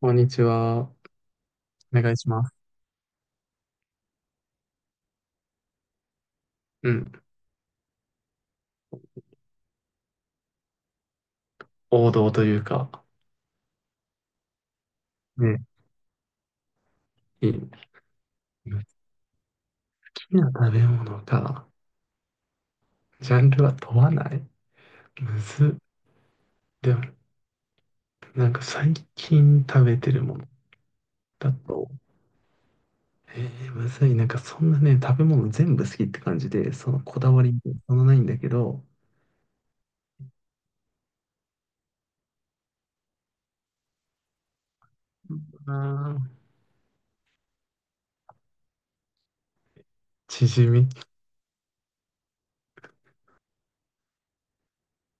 こんにちは。お願いします。うん。王道というか、ね、いい。好きな食べ物か、ジャンルは問わない。むずっ。でも、なんか最近食べてるものだと、むずい。なんかそんなね、食べ物全部好きって感じで、そのこだわりみたいなのそんなないんだけど、あーチヂミ。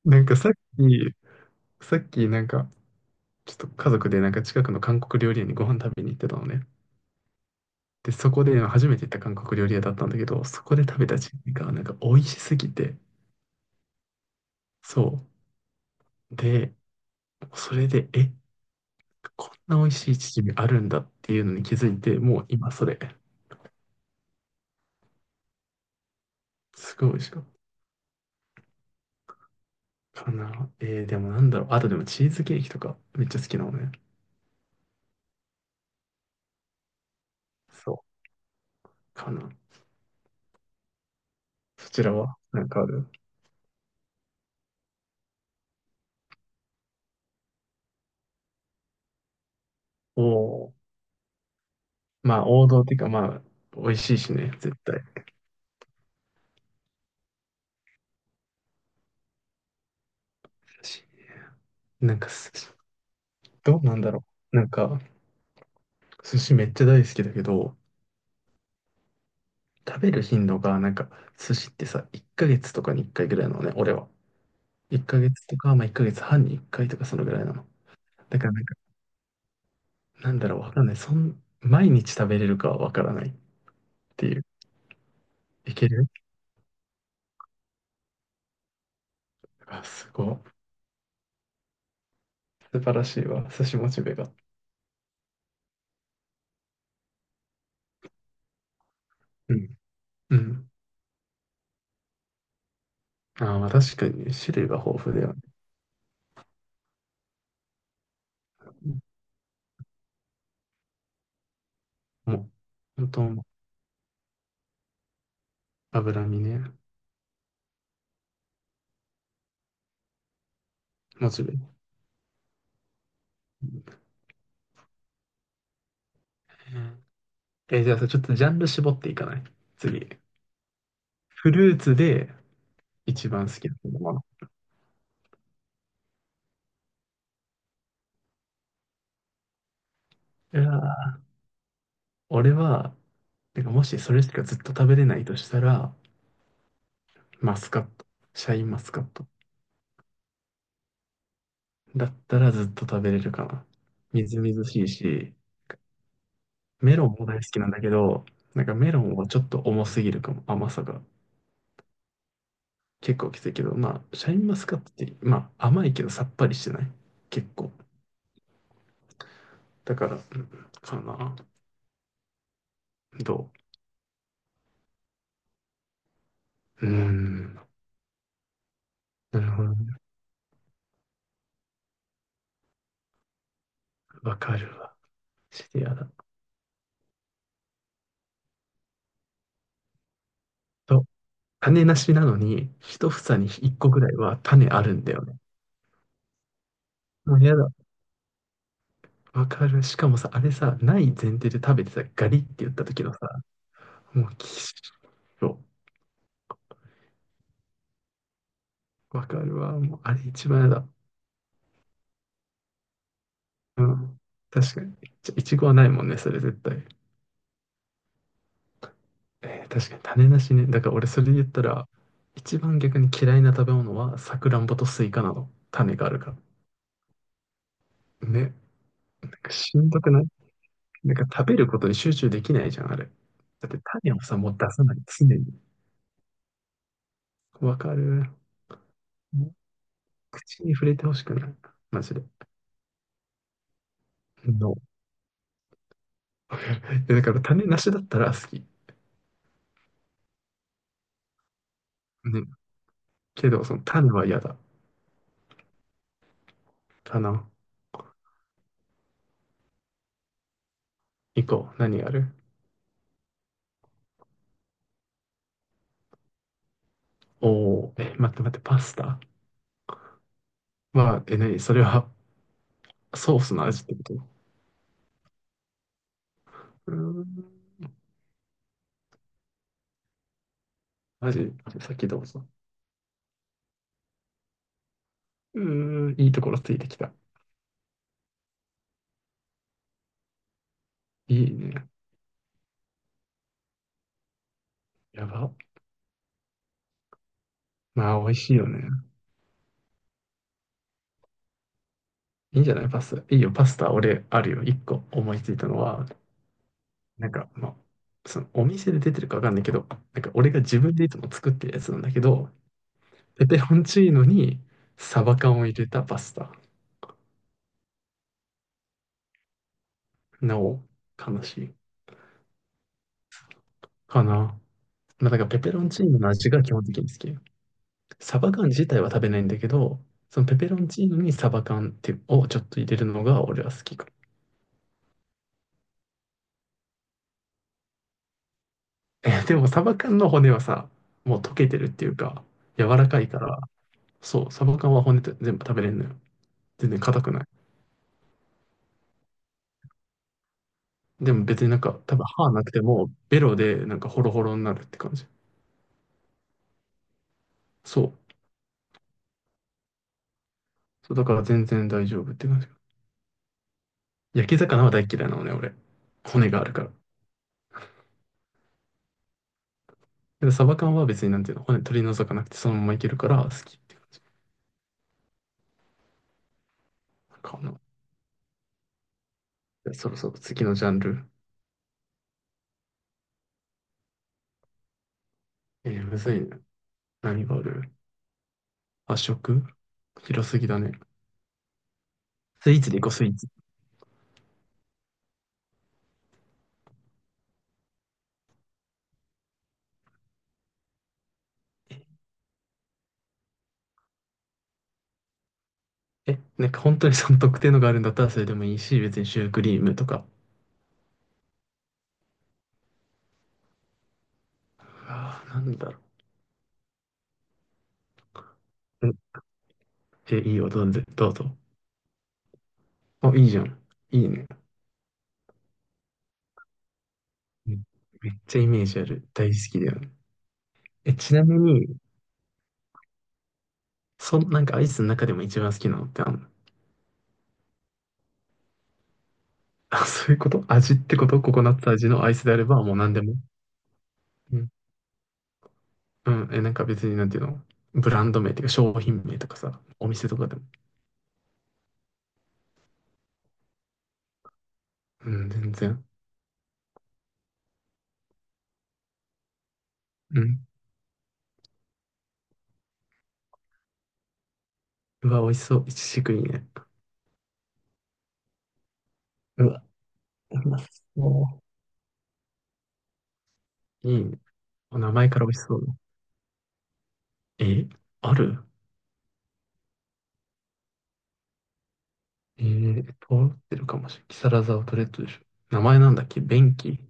なんかさっき、さっきなんか、ちょっと家族でなんか近くの韓国料理屋にご飯食べに行ってたのね。で、そこで初めて行った韓国料理屋だったんだけど、そこで食べたチヂミがなんか美味しすぎて、そう。で、それで、こんな美味しいチヂミあるんだっていうのに気づいて、もう今それ、すごい美味しかったかな。でもなんだろう。あとでもチーズケーキとかめっちゃ好きなのね。そう、かな。そちらはなんかある？おおー、まあ王道っていうかまあ、美味しいしね、絶対。寿司、なんかす、どうなんだろう。なんか、寿司めっちゃ大好きだけど、食べる頻度が、なんか、寿司ってさ、1ヶ月とかに1回ぐらいなのね、俺は。1ヶ月とか、まあ1ヶ月半に1回とかそのぐらいなの。だからなんか、なんだろう、わかんない。そん、毎日食べれるかはわからないっていう。いける。あ、すごい。素晴らしいわ、寿司モチベが。うん。うん。ああまあ確かにね、種類が豊富だよね。うん。もう、本当もう脂身ね、モチベ。うん。じゃあさ、ちょっとジャンル絞っていかない？次。フルーツで一番好きなもの。うわ。俺は、てかもしそれしかずっと食べれないとしたら、マスカット。シャインマスカット。だったらずっと食べれるかな。みずみずしいし、メロンも大好きなんだけど、なんかメロンはちょっと重すぎるかも、甘さが。結構きついけど、まあ、シャインマスカットって、まあ、甘いけどさっぱりしてない。結構。だから、うんかな。どう？うーん。なるほど。わかるわ。シリアだ。と、種なしなのに、一房に一個ぐらいは種あるんだよね。もうやだ。わかる。しかもさ、あれさ、ない前提で食べてさ、ガリって言った時のさ、もうきしょ。わかるわ。もうあれ一番やだ。うん。確かに。ちょいちごはないもんね、それ絶対。確かに種なしね。だから俺それで言ったら、一番逆に嫌いな食べ物はさくらんぼとスイカなの。種があるから。ね。なんかしんどくない？なんか食べることに集中できないじゃん、あれ。だって種をさ、もう出さない。常に。わかる。もう口に触れてほしくない。マジで。No。 わかるでだから種なしだったら好き。ね、けど、その種は嫌だ。種、以降、何がある？おおー、待って待って、パスタは、何それは？ソースの味ってこと？ーん、マジ、さっきどうぞ。うーん、いいところついてきた。いいね。やば。まあ、美味しいよね。いいんじゃないパスタ。いいよ、パスタ、俺、あるよ。一個思いついたのは、なんか、まあ、そのお店で出てるかわかんないけど、なんか俺が自分でいつも作ってるやつなんだけど、ペペロンチーノにサバ缶を入れたパスタ。なお、悲しい。かな。まあ、だからペペロンチーノの味が基本的に好き。サバ缶自体は食べないんだけど、そのペペロンチーノにサバ缶っていうをちょっと入れるのが俺は好きかな。でもサバ缶の骨はさ、もう溶けてるっていうか、柔らかいから、そう、サバ缶は骨で全部食べれるのよ。全然硬くない。でも別になんか、多分歯なくても、ベロでなんかホロホロになるって感じ。そう。そう、だから全然大丈夫って感じ。焼き魚は大嫌いなのね、俺。骨があるから。で、サバ缶は別になんていうの、骨取り除かなくてそのままいけるから好きって感じ。なんかあの、でそろそろ次のジャンル。むずいね。何がある？和食、広すぎだね。スイーツでいこう、スイーツ。なんか本当にその特定のがあるんだったらそれでもいいし、別にシュークリームとか。ああ、なんだろう。ん、えいいよ、どうぞ。どうぞ。あ、いいじゃん。いいね。うん、めっちゃイメージある。大好きだよね。ちなみに、その、なんかアイスの中でも一番好きなのってあんの？あ、そういうこと？味ってこと？ココナッツ味のアイスであればもう何でも。うん。うん。なんか別になんていうの？ブランド名っていうか商品名とかさ、お店とかでも。うん、全然。うん。うわ、美味しそう。いちじくいいね。うわ、うまそう。いいね。お名前から美味しそうだ。え、ある？えー、通ってるかもしれない木更津アウトレットでしょ。名前なんだっけ、便器？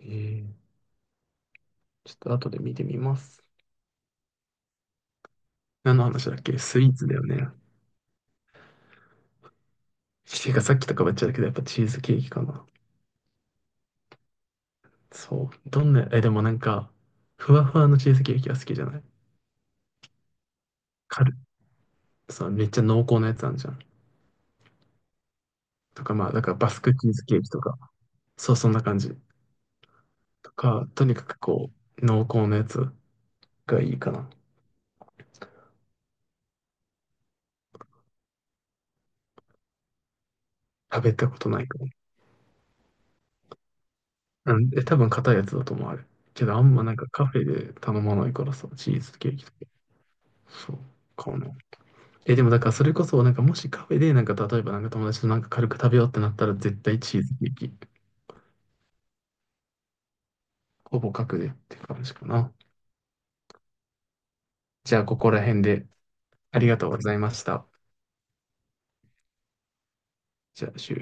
えー、ちょっと後で見てみます。何の話だっけ、スイーツだよね。ていうかさっきとかばっちゃだけど、やっぱチーズケーキかな。そう。どんな、でもなんか、ふわふわのチーズケーキは好きじゃない。カル、さ、めっちゃ濃厚なやつあるじゃん。とか、まあ、だからバスクチーズケーキとか、そう、そんな感じ。とか、とにかくこう、濃厚なやつがいいかな。食べたことないから。うん、多分硬いやつだと思う、あれ。けど、あんまなんかカフェで頼まないからさ、チーズケーキとか。そう、かな。でもだからそれこそ、なんかもしカフェで、なんか例えばなんか友達となんか軽く食べようってなったら絶対チーズケーキ。ほぼ角でって感じかな。じゃあ、ここら辺でありがとうございました。じゃあ、終了。